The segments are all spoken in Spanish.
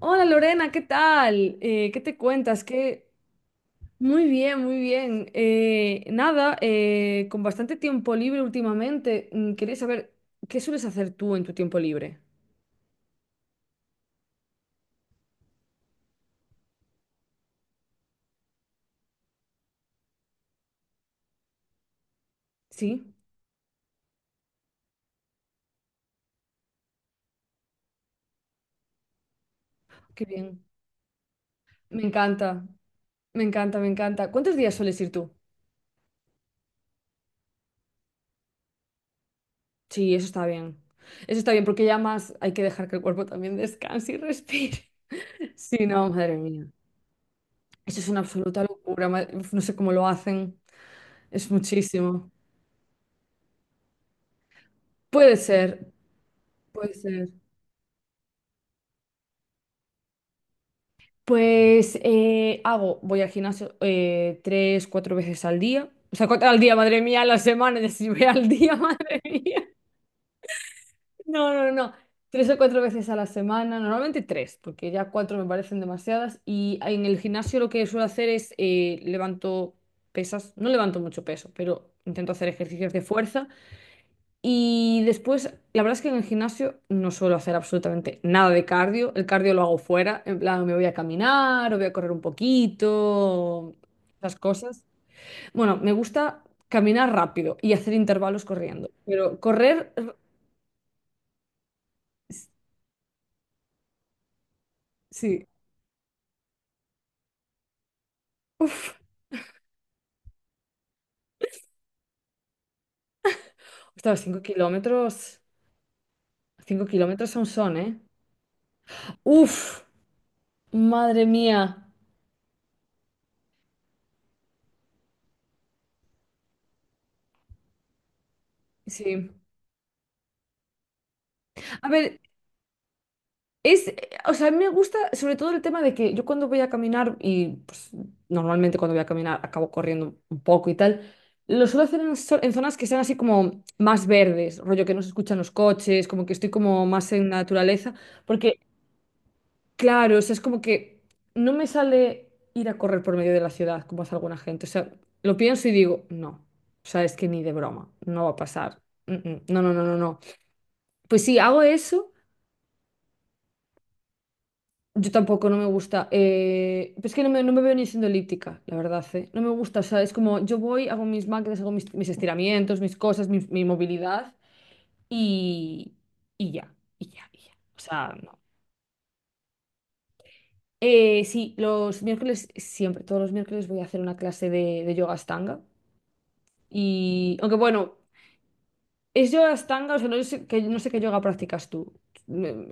Hola Lorena, ¿qué tal? ¿Qué te cuentas? Que muy bien, muy bien. Nada, con bastante tiempo libre últimamente, quería saber qué sueles hacer tú en tu tiempo libre. Sí, qué bien. Me encanta, me encanta, me encanta. ¿Cuántos días sueles ir tú? Sí, eso está bien. Eso está bien, porque ya más hay que dejar que el cuerpo también descanse y respire. Sí, no, madre mía. Eso es una absoluta locura. Uf, no sé cómo lo hacen. Es muchísimo. Puede ser, puede ser. Pues voy al gimnasio tres, cuatro veces al día. O sea, cuatro al día, madre mía, a la semana, ya si voy al día, madre mía. No, no, no, no. Tres o cuatro veces a la semana, normalmente tres, porque ya cuatro me parecen demasiadas. Y en el gimnasio lo que suelo hacer es levanto pesas, no levanto mucho peso, pero intento hacer ejercicios de fuerza. Y después, la verdad es que en el gimnasio no suelo hacer absolutamente nada de cardio. El cardio lo hago fuera, en plan me voy a caminar o voy a correr un poquito, esas cosas. Bueno, me gusta caminar rápido y hacer intervalos corriendo, pero correr, sí. Uf, ostras, 5 km, 5 kilómetros son, ¿eh? Uf, madre mía. Sí. A ver, o sea, a mí me gusta sobre todo el tema de que yo cuando voy a caminar, y pues, normalmente cuando voy a caminar acabo corriendo un poco y tal, lo suelo hacer en, en zonas que sean así como más verdes, rollo que no se escuchan los coches, como que estoy como más en la naturaleza, porque claro, o sea, es como que no me sale ir a correr por medio de la ciudad como hace alguna gente, o sea, lo pienso y digo, no, o sea, es que ni de broma, no va a pasar. Mm, mm, no, no, no, no, no. Pues sí, hago eso. Yo tampoco, no me gusta. Es que no me veo ni siendo elíptica, la verdad, ¿eh? No me gusta, o sea, es como yo voy, hago mis máquinas, hago mis estiramientos, mis cosas, mi movilidad y, y ya, y ya, y ya. O sea, no. Sí, los miércoles, siempre, todos los miércoles voy a hacer una clase de yoga Ashtanga. Y, aunque bueno, es yoga Ashtanga, o sea, no sé, no sé qué yoga practicas tú.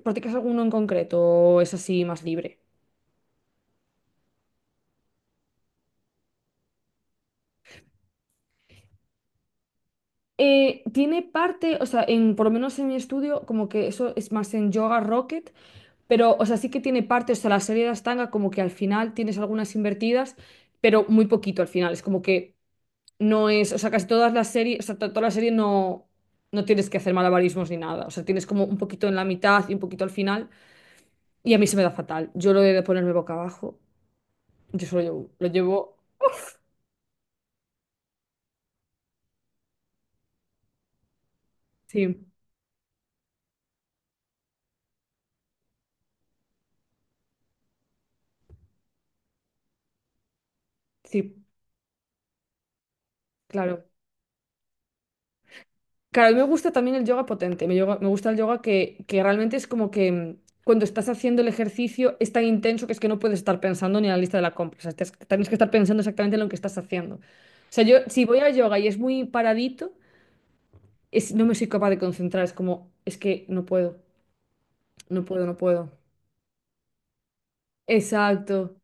¿Practicas alguno en concreto o es así más libre? Tiene parte, o sea, por lo menos en mi estudio, como que eso es más en Yoga Rocket, pero, o sea, sí que tiene parte, o sea, la serie de Astanga, como que al final tienes algunas invertidas, pero muy poquito al final, es como que no es, o sea, casi todas las series, o sea, toda la serie no, no tienes que hacer malabarismos ni nada, o sea, tienes como un poquito en la mitad y un poquito al final, y a mí se me da fatal, yo lo he de ponerme boca abajo, yo solo lo llevo, sí, sí, claro. Claro, a mí me gusta también el yoga potente, me gusta el yoga que realmente es como que cuando estás haciendo el ejercicio es tan intenso que es que no puedes estar pensando ni en la lista de la compra, o sea, tienes que estar pensando exactamente en lo que estás haciendo. O sea, yo si voy a yoga y es muy paradito, no me soy capaz de concentrar, es como, es que no puedo, no puedo, no puedo. Exacto,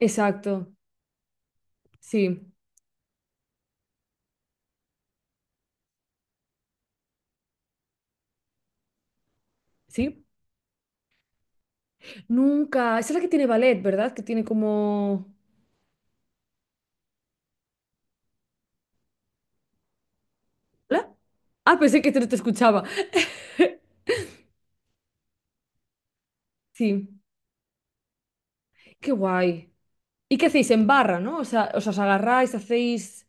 exacto, sí, sí. Nunca, esa es la que tiene ballet, ¿verdad? Que tiene como... ¿Hola? Ah, pensé no te escuchaba. Sí. Qué guay. ¿Y qué hacéis en barra, no? O sea, os agarráis, hacéis...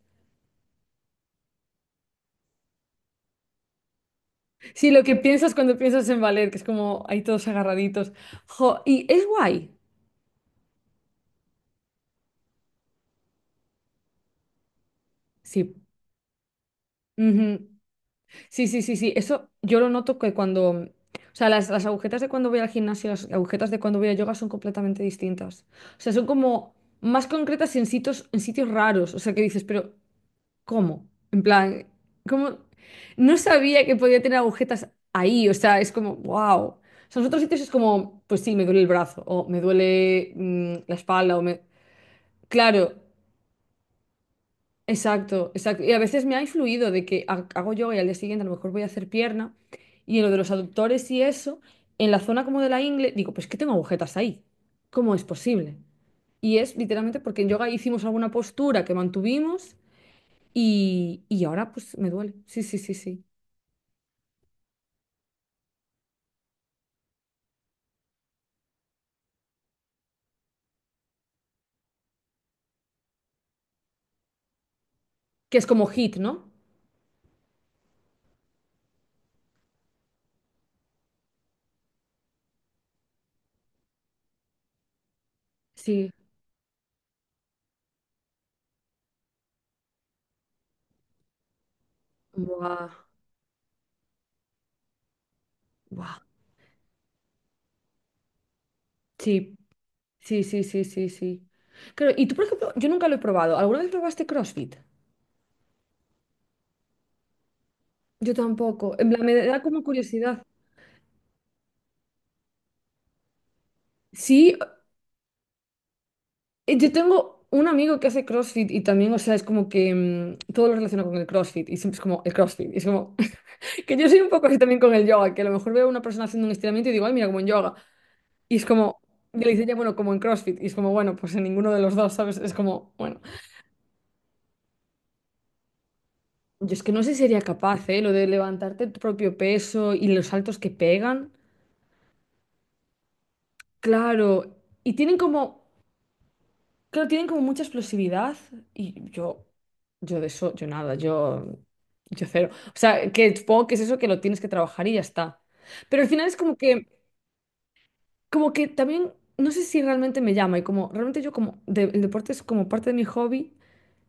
Sí, lo que piensas cuando piensas en valer, que es como ahí todos agarraditos. Jo, y es guay. Sí. Ujú. Sí, sí, sí, sí. Eso yo lo noto que cuando... O sea, las agujetas de cuando voy al gimnasio y las agujetas de cuando voy a yoga son completamente distintas. O sea, son como más concretas en sitios raros. O sea, que dices, pero ¿cómo? En plan, ¿cómo? No sabía que podía tener agujetas ahí, o sea, es como, wow. O sea, en otros sitios es como, pues sí, me duele el brazo, o me duele la espalda, o me... Claro, exacto, exacto. Y a veces me ha influido de que hago yoga y al día siguiente a lo mejor voy a hacer pierna, y en lo de los aductores y eso, en la zona como de la ingle, digo, pues que tengo agujetas ahí. ¿Cómo es posible? Y es literalmente porque en yoga hicimos alguna postura que mantuvimos y ahora pues me duele. Sí, sí, sí, sí. Que es como hit, ¿no? Sí. Buah, buah. Sí, sí, sí, sí, sí, sí. Claro, y tú, por ejemplo, yo nunca lo he probado. ¿Alguna vez probaste CrossFit? Yo tampoco. En plan, me da como curiosidad. Sí, yo tengo un amigo que hace CrossFit y también, o sea, es como que todo lo relaciona con el CrossFit y siempre es como el CrossFit. Y es como que yo soy un poco así también con el yoga, que a lo mejor veo a una persona haciendo un estiramiento y digo, ay, mira, como en yoga. Y es como, y le dice ya, bueno, como en CrossFit. Y es como, bueno, pues en ninguno de los dos, ¿sabes? Es como, bueno. Yo es que no sé si sería capaz, ¿eh? Lo de levantarte tu propio peso y los saltos que pegan. Claro, y tienen como, claro, tienen como mucha explosividad y yo de eso, yo nada, yo cero. O sea, que supongo que es eso que lo tienes que trabajar y ya está. Pero al final es como que también, no sé si realmente me llama y como, realmente yo como, el deporte es como parte de mi hobby,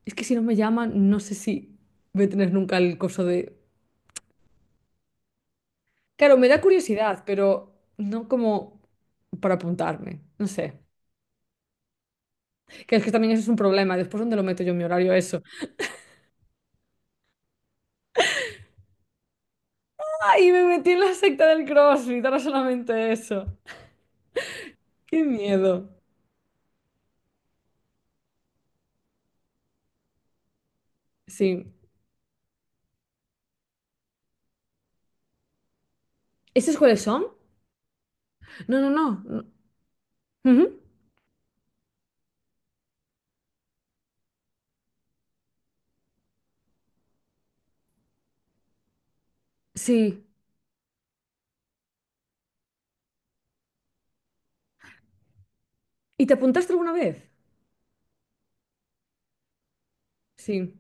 es que si no me llama, no sé si voy a tener nunca el coso de. Claro, me da curiosidad, pero no como para apuntarme, no sé. Que es que también eso es un problema, después dónde lo meto yo en mi horario eso. Ay, me metí en la secta del CrossFit, ahora solamente eso. Qué miedo. Sí. ¿Esos cuáles son? No, no, no, no. Ujú. Sí. ¿Y te apuntaste alguna vez? Sí.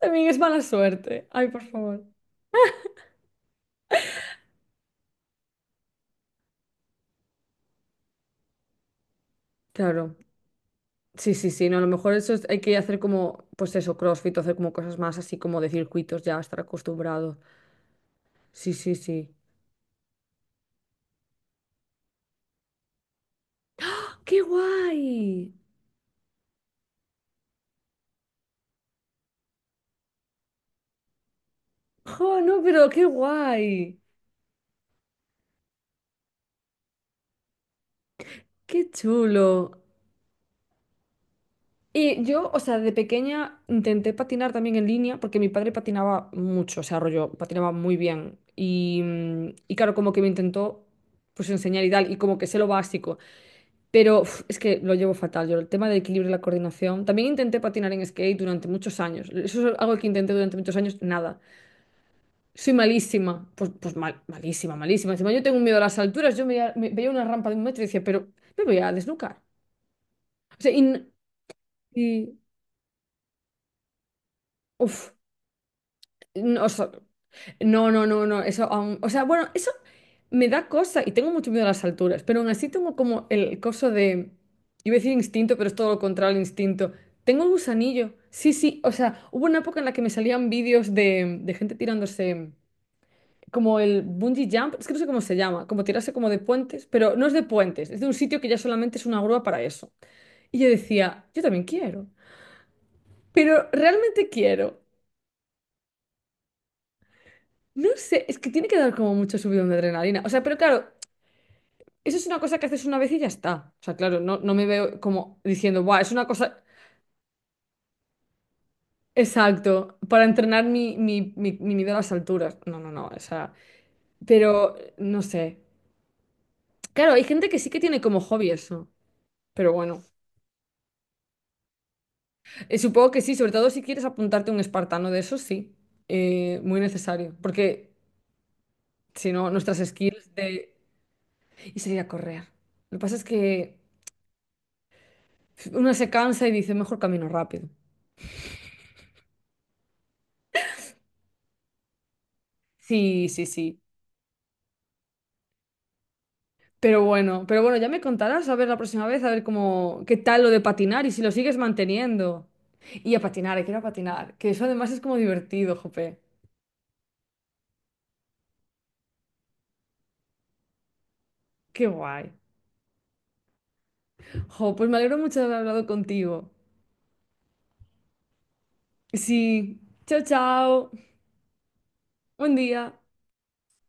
También es mala suerte. Ay, por favor. Claro. Sí, sí, sí. No, a lo mejor eso hay que hacer como, pues eso, CrossFit, o hacer como cosas más así como de circuitos, ya estar acostumbrado. Sí, sí, sí. ¡Qué guay! ¡Oh, no, pero qué guay! ¡Qué chulo! Y yo, o sea, de pequeña intenté patinar también en línea porque mi padre patinaba mucho, o sea, rollo, patinaba muy bien. Y claro, como que me intentó pues enseñar y tal, y como que sé lo básico. Pero uf, es que lo llevo fatal, yo el tema del equilibrio y la coordinación. También intenté patinar en skate durante muchos años. Eso es algo que intenté durante muchos años, nada. Soy malísima, pues malísima, malísima. Encima yo tengo un miedo a las alturas, yo veía, veía una rampa de un metro y decía, pero me voy a desnucar. O sea, y- uf, no, o sea, no, no, no, no, o sea, bueno, eso me da cosa y tengo mucho miedo a las alturas, pero aún así tengo como el coso de, iba a decir instinto, pero es todo lo contrario al instinto. Tengo el gusanillo, sí, sí, o sea, hubo una época en la que me salían vídeos de gente tirándose como el bungee jump, es que no sé cómo se llama, como tirarse como de puentes, pero no es de puentes, es de un sitio que ya solamente es una grúa para eso. Y yo decía, yo también quiero, pero realmente quiero. No sé, es que tiene que dar como mucho subidón de adrenalina. O sea, pero claro, eso es una cosa que haces una vez y ya está. O sea, claro, no, no me veo como diciendo, guau, es una cosa... Exacto, para entrenar mi miedo a las alturas. No, no, no, o sea, pero no sé. Claro, hay gente que sí que tiene como hobby eso, pero bueno. Supongo que sí, sobre todo si quieres apuntarte a un espartano de esos, sí. Muy necesario. Porque si no, nuestras skills de... Y salir a correr. Lo que pasa es que uno se cansa y dice, mejor camino rápido. Sí, sí, sí. Pero bueno, ya me contarás a ver la próxima vez, a ver cómo, qué tal lo de patinar y si lo sigues manteniendo. Y a patinar, quiero patinar, que eso además es como divertido, jope. Qué guay. Jo, pues me alegro mucho de haber hablado contigo. Sí, chao, chao. Buen día.